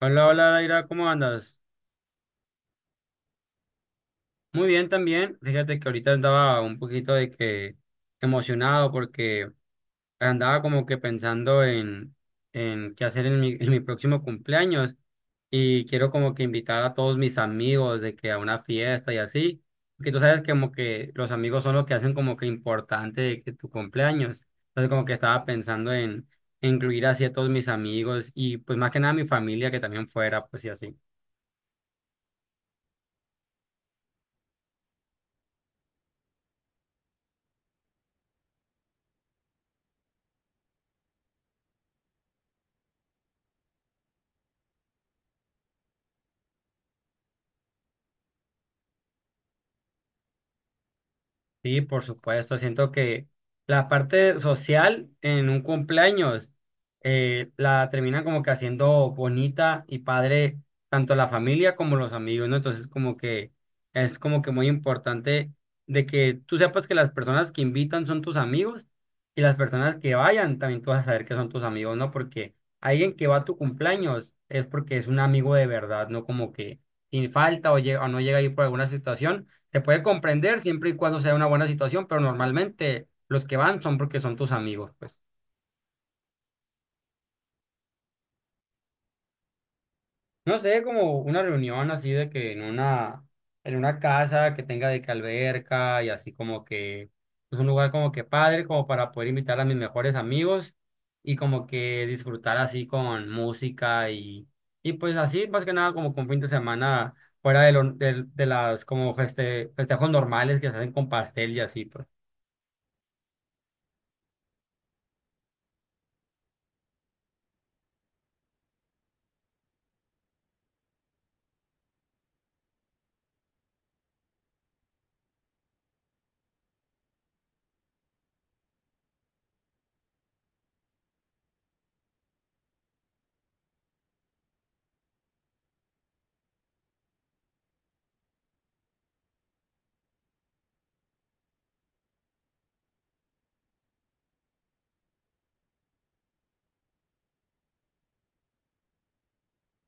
Hola, hola, Daira, ¿cómo andas? Muy bien también. Fíjate que ahorita andaba un poquito de que emocionado porque andaba como que pensando en qué hacer en mi próximo cumpleaños y quiero como que invitar a todos mis amigos de que a una fiesta y así, porque tú sabes que como que los amigos son lo que hacen como que importante de que tu cumpleaños. Entonces como que estaba pensando en incluir así a todos mis amigos y pues más que nada a mi familia que también fuera, pues y así. Sí, por supuesto. Siento que la parte social en un cumpleaños la terminan como que haciendo bonita y padre tanto la familia como los amigos, ¿no? Entonces como que es como que muy importante de que tú sepas que las personas que invitan son tus amigos y las personas que vayan también tú vas a saber que son tus amigos, ¿no? Porque alguien que va a tu cumpleaños es porque es un amigo de verdad, ¿no? Como que sin falta o, llega, o no llega ahí por alguna situación se puede comprender siempre y cuando sea una buena situación, pero normalmente los que van son porque son tus amigos, pues. No sé, como una reunión así de que en una casa que tenga de que alberca y así como que es un lugar como que padre, como para poder invitar a mis mejores amigos y como que disfrutar así con música y pues así más que nada como con fin de semana fuera de, de las como festejos normales que se hacen con pastel y así, pues.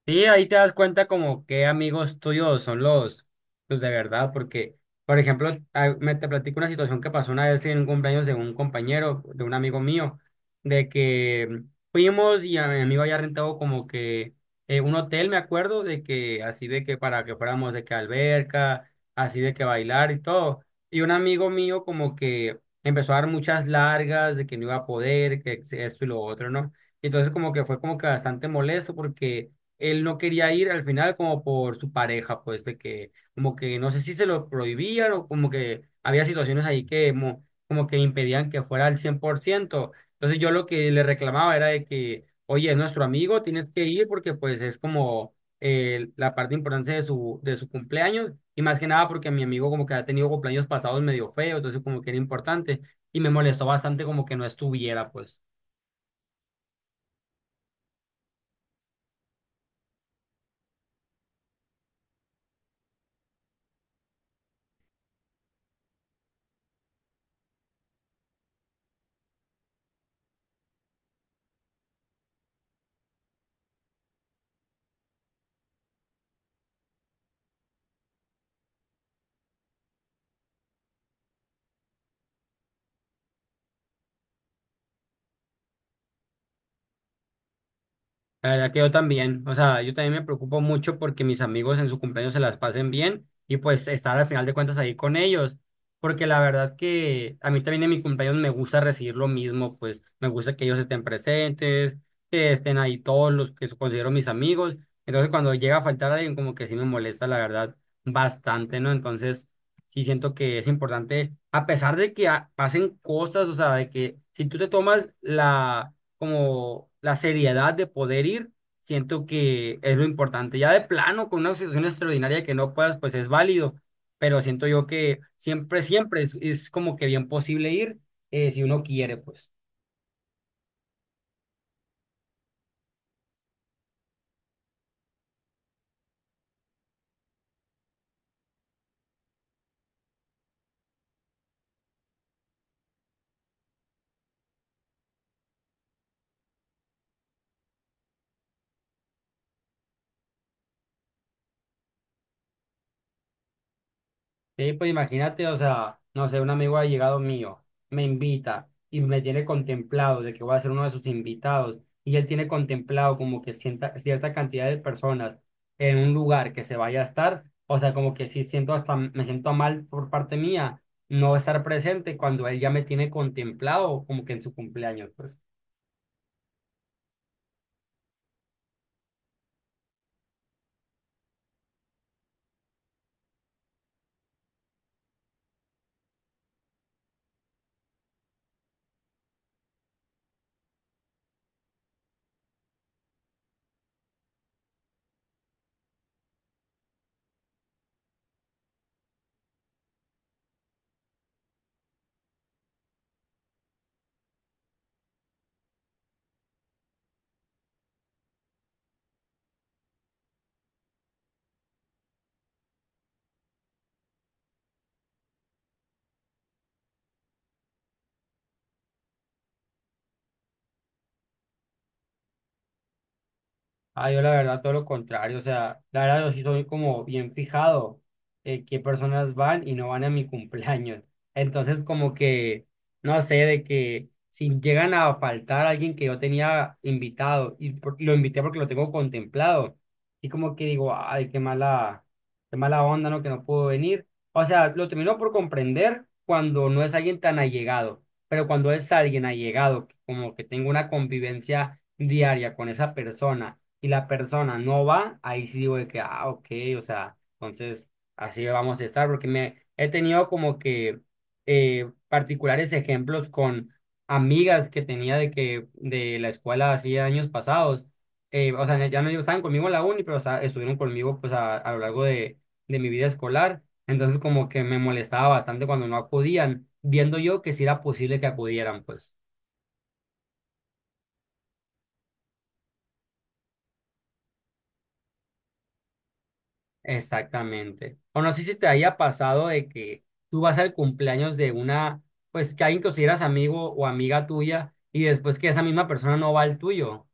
Sí, ahí te das cuenta como qué amigos tuyos son los de verdad, porque, por ejemplo, me te platico una situación que pasó una vez en un cumpleaños de un compañero, de un amigo mío, de que fuimos y a mi amigo había rentado como que un hotel, me acuerdo, de que así de que para que fuéramos de que alberca, así de que bailar y todo. Y un amigo mío como que empezó a dar muchas largas de que no iba a poder, que esto y lo otro, ¿no? Y entonces como que fue como que bastante molesto porque él no quería ir al final como por su pareja, pues de que como que no sé si se lo prohibían o como que había situaciones ahí que que impedían que fuera al 100%. Entonces yo lo que le reclamaba era de que, oye, es nuestro amigo, tienes que ir porque pues es como la parte importante de su cumpleaños y más que nada porque mi amigo como que ha tenido cumpleaños pasados medio feos, entonces como que era importante y me molestó bastante como que no estuviera, pues. La verdad que yo también, o sea, yo también me preocupo mucho porque mis amigos en su cumpleaños se las pasen bien y pues estar al final de cuentas ahí con ellos, porque la verdad que a mí también en mi cumpleaños me gusta recibir lo mismo, pues me gusta que ellos estén presentes, que estén ahí todos los que considero mis amigos, entonces cuando llega a faltar alguien como que sí me molesta la verdad bastante, ¿no? Entonces sí siento que es importante, a pesar de que pasen cosas, o sea, de que si tú te tomas la como la seriedad de poder ir, siento que es lo importante. Ya de plano, con una situación extraordinaria que no puedas, pues es válido, pero siento yo que siempre es como que bien posible ir si uno quiere, pues. Sí, pues imagínate, o sea, no sé, un amigo allegado mío me invita y me tiene contemplado de que voy a ser uno de sus invitados y él tiene contemplado como que sienta, cierta cantidad de personas en un lugar que se vaya a estar, o sea, como que sí siento hasta, me siento mal por parte mía no estar presente cuando él ya me tiene contemplado como que en su cumpleaños, pues. Ah, yo la verdad todo lo contrario, o sea, la verdad yo sí soy como bien fijado qué personas van y no van a mi cumpleaños. Entonces como que, no sé, de que si llegan a faltar alguien que yo tenía invitado y lo invité porque lo tengo contemplado, y como que digo, ay, qué mala onda, ¿no? Que no pudo venir. O sea, lo termino por comprender cuando no es alguien tan allegado, pero cuando es alguien allegado, como que tengo una convivencia diaria con esa persona y la persona no va, ahí sí digo de que, ah, ok, o sea, entonces así vamos a estar, porque me he tenido como que particulares ejemplos con amigas que tenía de que de la escuela hacía años pasados, o sea, ya no digo, estaban conmigo en la uni, pero o sea, estuvieron conmigo pues a lo largo de mi vida escolar, entonces como que me molestaba bastante cuando no acudían, viendo yo que sí era posible que acudieran, pues. Exactamente. O no sé si te haya pasado de que tú vas al cumpleaños de una, pues que alguien que consideras amigo o amiga tuya y después que esa misma persona no va al tuyo.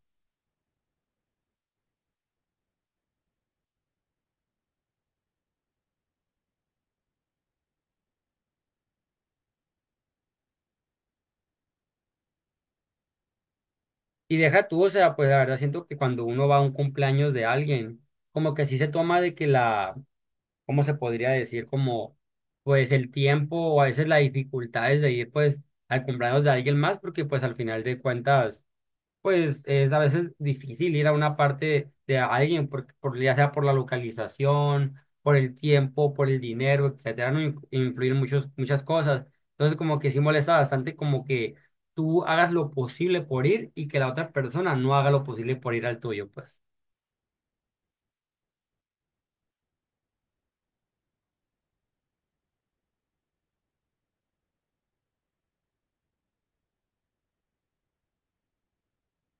Y deja tú, o sea, pues la verdad siento que cuando uno va a un cumpleaños de alguien, como que sí se toma de que la, ¿cómo se podría decir? Como, pues el tiempo o a veces las dificultades de ir pues al cumpleaños de alguien más, porque pues al final de cuentas pues es a veces difícil ir a una parte de alguien, por, ya sea por la localización, por el tiempo, por el dinero, etcétera, no influir muchas cosas. Entonces, como que sí molesta bastante como que tú hagas lo posible por ir y que la otra persona no haga lo posible por ir al tuyo, pues.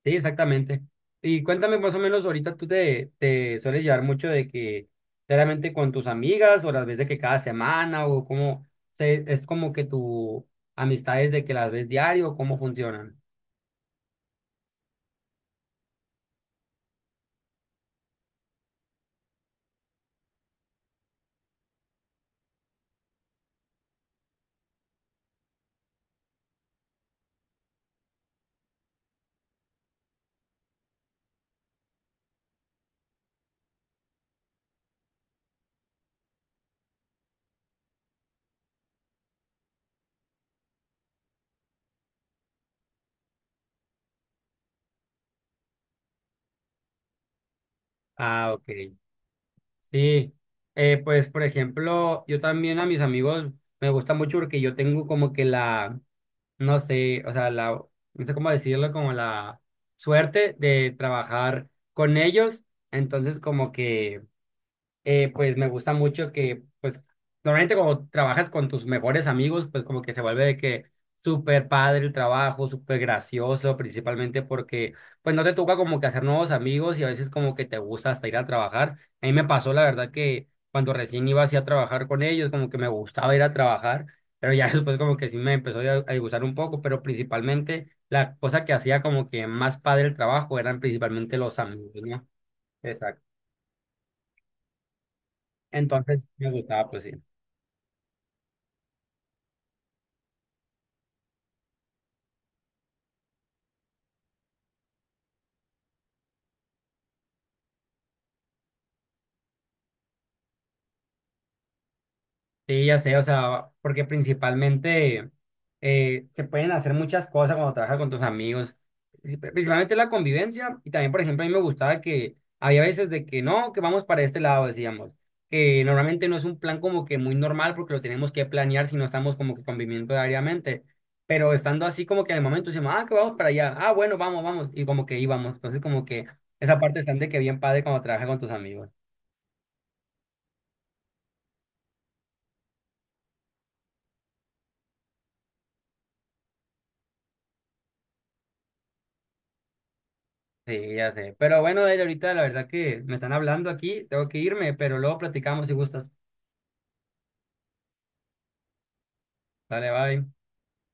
Sí, exactamente. Y cuéntame más o menos, ahorita te sueles llevar mucho de que claramente con tus amigas o las ves de que cada semana o cómo es como que tu amistad es de que las ves diario, cómo funcionan. Ah, ok. Sí. Pues por ejemplo, yo también a mis amigos me gusta mucho porque yo tengo como que no sé, o sea, no sé cómo decirlo, como la suerte de trabajar con ellos. Entonces como que... pues me gusta mucho que, pues, normalmente cuando trabajas con tus mejores amigos, pues como que se vuelve de que súper padre el trabajo, súper gracioso, principalmente porque, pues, no te toca como que hacer nuevos amigos y a veces como que te gusta hasta ir a trabajar. A mí me pasó, la verdad, que cuando recién iba así a trabajar con ellos, como que me gustaba ir a trabajar, pero ya después como que sí me empezó a gustar un poco, pero principalmente la cosa que hacía como que más padre el trabajo eran principalmente los amigos, ¿no? Exacto. Entonces me gustaba, pues sí. Sí, ya sé, o sea, porque principalmente se pueden hacer muchas cosas cuando trabajas con tus amigos, principalmente la convivencia y también, por ejemplo, a mí me gustaba que había veces de que no, que vamos para este lado, decíamos, que normalmente no es un plan como que muy normal porque lo tenemos que planear si no estamos como que conviviendo diariamente, pero estando así como que en el momento decimos, ah, que vamos para allá, ah, bueno, vamos, y como que íbamos, entonces como que esa parte están de que bien padre cuando trabajas con tus amigos. Sí, ya sé. Pero bueno, él ahorita la verdad que me están hablando aquí, tengo que irme, pero luego platicamos si gustas. Dale, bye.